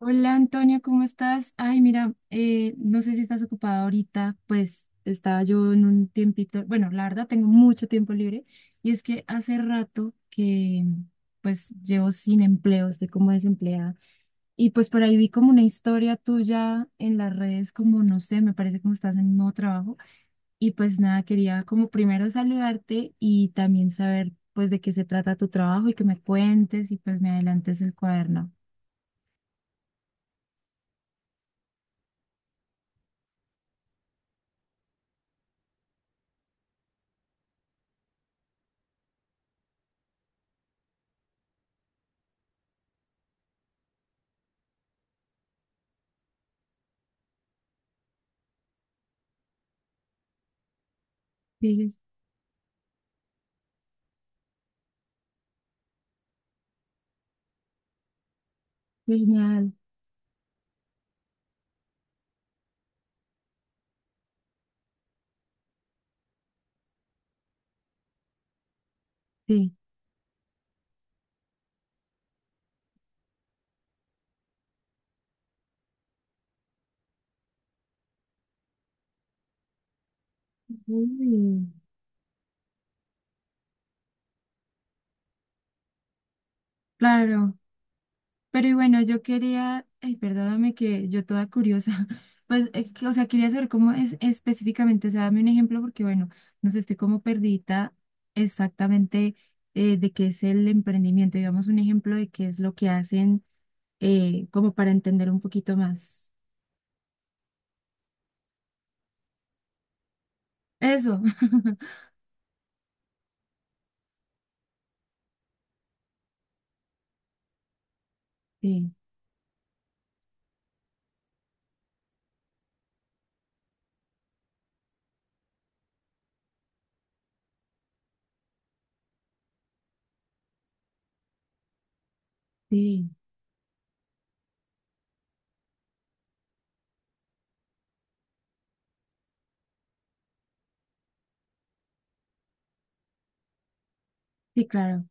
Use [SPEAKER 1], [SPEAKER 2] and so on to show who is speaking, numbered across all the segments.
[SPEAKER 1] Hola, Antonio, ¿cómo estás? Ay, mira, no sé si estás ocupada ahorita, pues estaba yo en un tiempito, bueno, la verdad tengo mucho tiempo libre y es que hace rato que pues llevo sin empleo, estoy como desempleada. Y pues por ahí vi como una historia tuya en las redes, como no sé, me parece como estás en un nuevo trabajo. Y pues nada, quería como primero saludarte y también saber pues de qué se trata tu trabajo y que me cuentes y pues me adelantes el cuaderno. Sí, es genial. Sí. Mm. Claro, pero y bueno, yo quería, ay, perdóname que yo toda curiosa, pues, es que, o sea, quería saber cómo es específicamente, o sea, dame un ejemplo porque, bueno, no sé, estoy como perdida exactamente de qué es el emprendimiento, digamos un ejemplo de qué es lo que hacen, como para entender un poquito más. Eso. Sí, sí, sí, claro.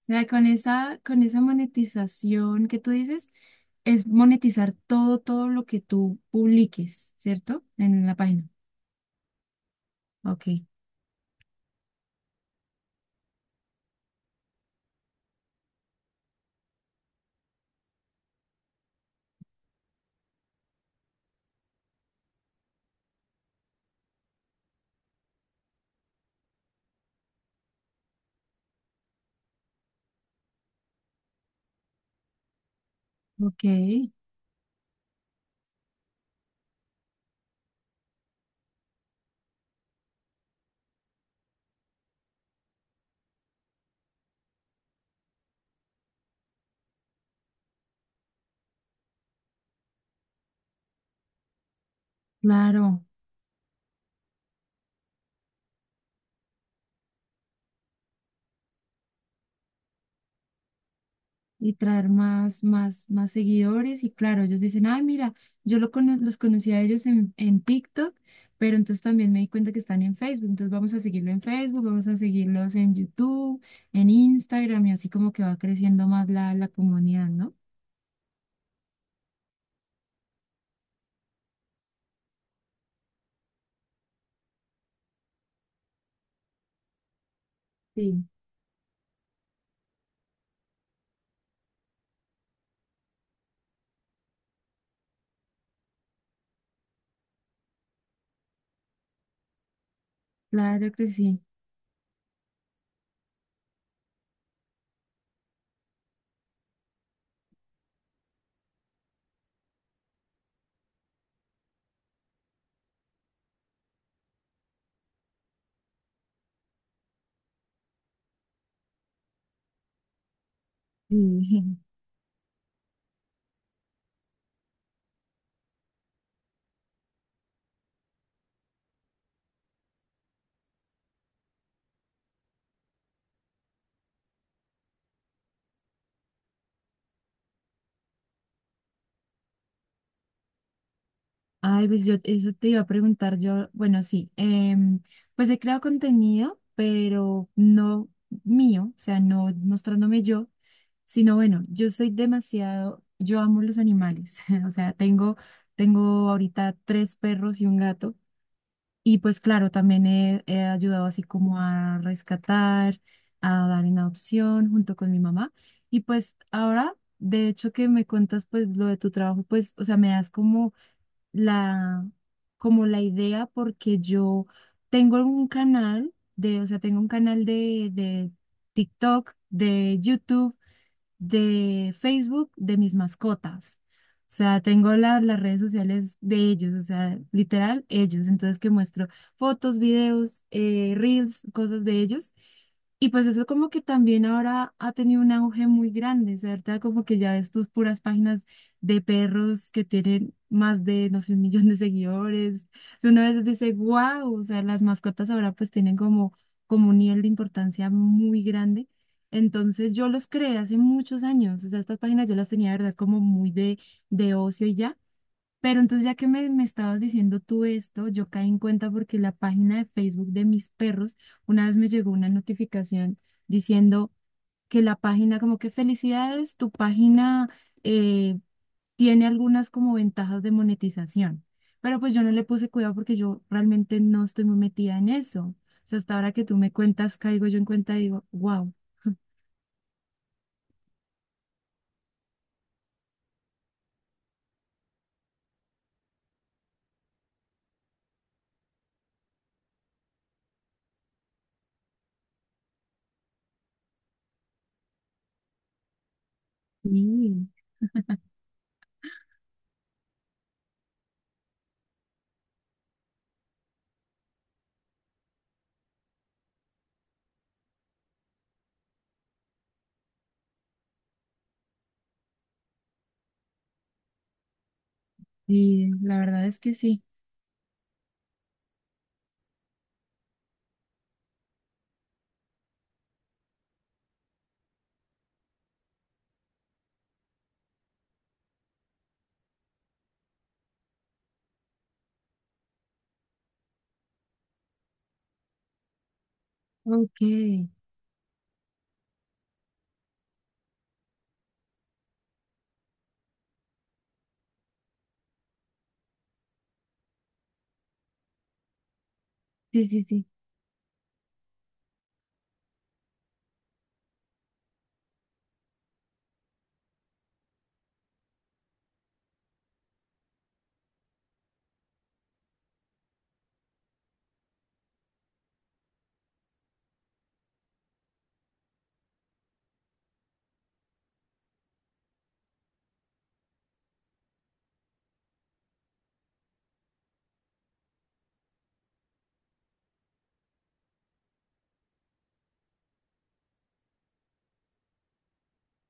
[SPEAKER 1] Sea, con esa monetización que tú dices, es monetizar todo, todo lo que tú publiques, ¿cierto? En la página. Ok, ok, claro. Y traer más, más, más seguidores. Y claro, ellos dicen, ay, mira, los conocí a ellos en TikTok, pero entonces también me di cuenta que están en Facebook. Entonces vamos a seguirlo en Facebook, vamos a seguirlos en YouTube, en Instagram, y así como que va creciendo más la, la comunidad, ¿no? Sí, claro que sí. Sí. Ay, pues yo eso te iba a preguntar yo, bueno, sí, pues he creado contenido, pero no mío, o sea, no mostrándome yo, sino bueno, yo soy demasiado, yo amo los animales, o sea, tengo, tengo ahorita 3 perros y un gato, y pues claro, también he, he ayudado así como a rescatar, a dar en adopción junto con mi mamá, y pues ahora, de hecho que me cuentas pues lo de tu trabajo, pues, o sea, me das la, como la idea porque yo tengo un canal de, o sea, tengo un canal de TikTok, de YouTube, de Facebook de mis mascotas. O sea, tengo las redes sociales de ellos, o sea, literal, ellos. Entonces, que muestro fotos, videos, reels, cosas de ellos. Y pues eso como que también ahora ha tenido un auge muy grande, ¿cierto? Como que ya ves tus puras páginas de perros que tienen más de, no sé, 1 millón de seguidores. O sea, uno a veces dice, wow, o sea, las mascotas ahora pues tienen como, como un nivel de importancia muy grande. Entonces yo los creé hace muchos años, o sea, estas páginas yo las tenía, de verdad, como muy de ocio y ya. Pero entonces ya que me estabas diciendo tú esto, yo caí en cuenta porque la página de Facebook de mis perros, una vez me llegó una notificación diciendo que la página, como que felicidades, tu página eh, tiene algunas como ventajas de monetización. Pero pues yo no le puse cuidado porque yo realmente no estoy muy metida en eso. O sea, hasta ahora que tú me cuentas, caigo yo en cuenta y digo, wow. Sí. Sí, la verdad es que sí. Ok, sí, sí, sí.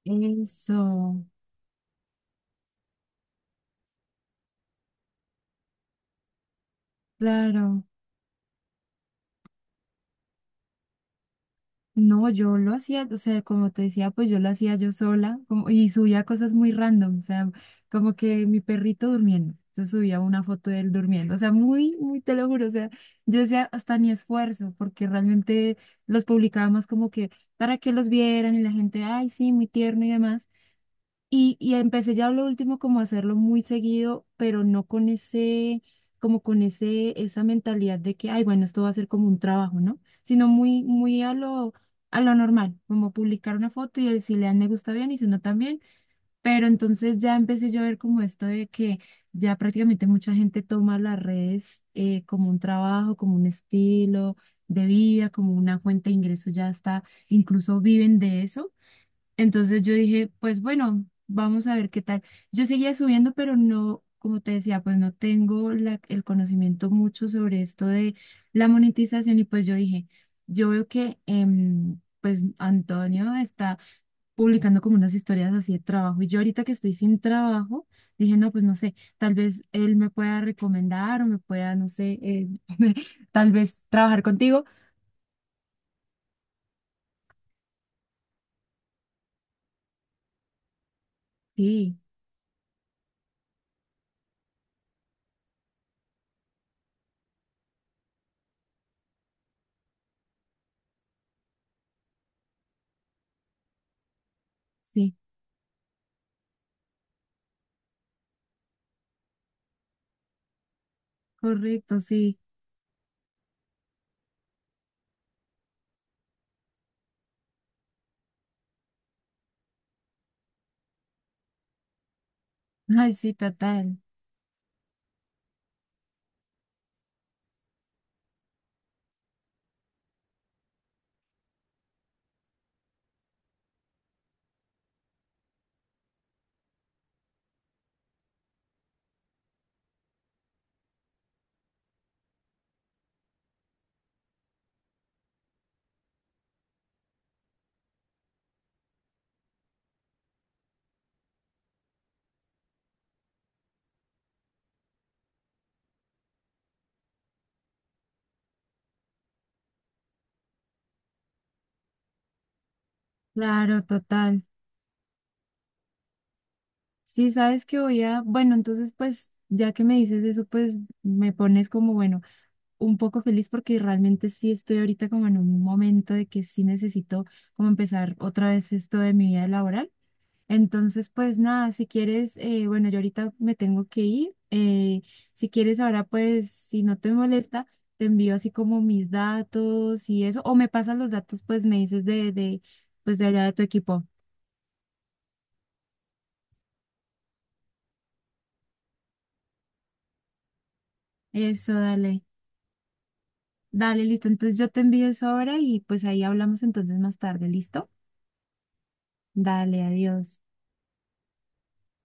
[SPEAKER 1] Eso, claro. No, yo lo hacía, o sea, como te decía, pues yo lo hacía yo sola como, y subía cosas muy random, o sea, como que mi perrito durmiendo. Entonces subía una foto de él durmiendo, o sea, muy, muy, te lo juro, o sea, yo decía hasta ni esfuerzo, porque realmente los publicábamos como que para que los vieran y la gente, ay, sí, muy tierno y demás. Y empecé ya lo último como a hacerlo muy seguido, pero no con ese, como con ese, esa mentalidad de que, ay, bueno, esto va a ser como un trabajo, ¿no? Sino muy, muy a lo normal, como publicar una foto y si le dan me gusta bien y si no también. Pero entonces ya empecé yo a ver como esto de que ya prácticamente mucha gente toma las redes como un trabajo, como un estilo de vida, como una fuente de ingresos, ya está, incluso viven de eso. Entonces yo dije, pues bueno, vamos a ver qué tal. Yo seguía subiendo, pero no, como te decía, pues no tengo el conocimiento mucho sobre esto de la monetización y pues yo dije, yo veo que pues Antonio está publicando como unas historias así de trabajo y yo ahorita que estoy sin trabajo, dije, no, pues no sé, tal vez él me pueda recomendar o me pueda, no sé, tal vez trabajar contigo. Sí, sí, correcto, sí. Ay, sí, total. Claro, total. Sí, sabes que voy a, bueno, entonces pues ya que me dices eso, pues me pones como, bueno, un poco feliz porque realmente sí estoy ahorita como en un momento de que sí necesito como empezar otra vez esto de mi vida laboral. Entonces, pues nada, si quieres, bueno, yo ahorita me tengo que ir. Si quieres ahora, pues si no te molesta, te envío así como mis datos y eso, o me pasas los datos, pues me dices de, pues de allá de tu equipo. Eso, dale. Dale, listo. Entonces yo te envío eso ahora y pues ahí hablamos entonces más tarde, ¿listo? Dale, adiós.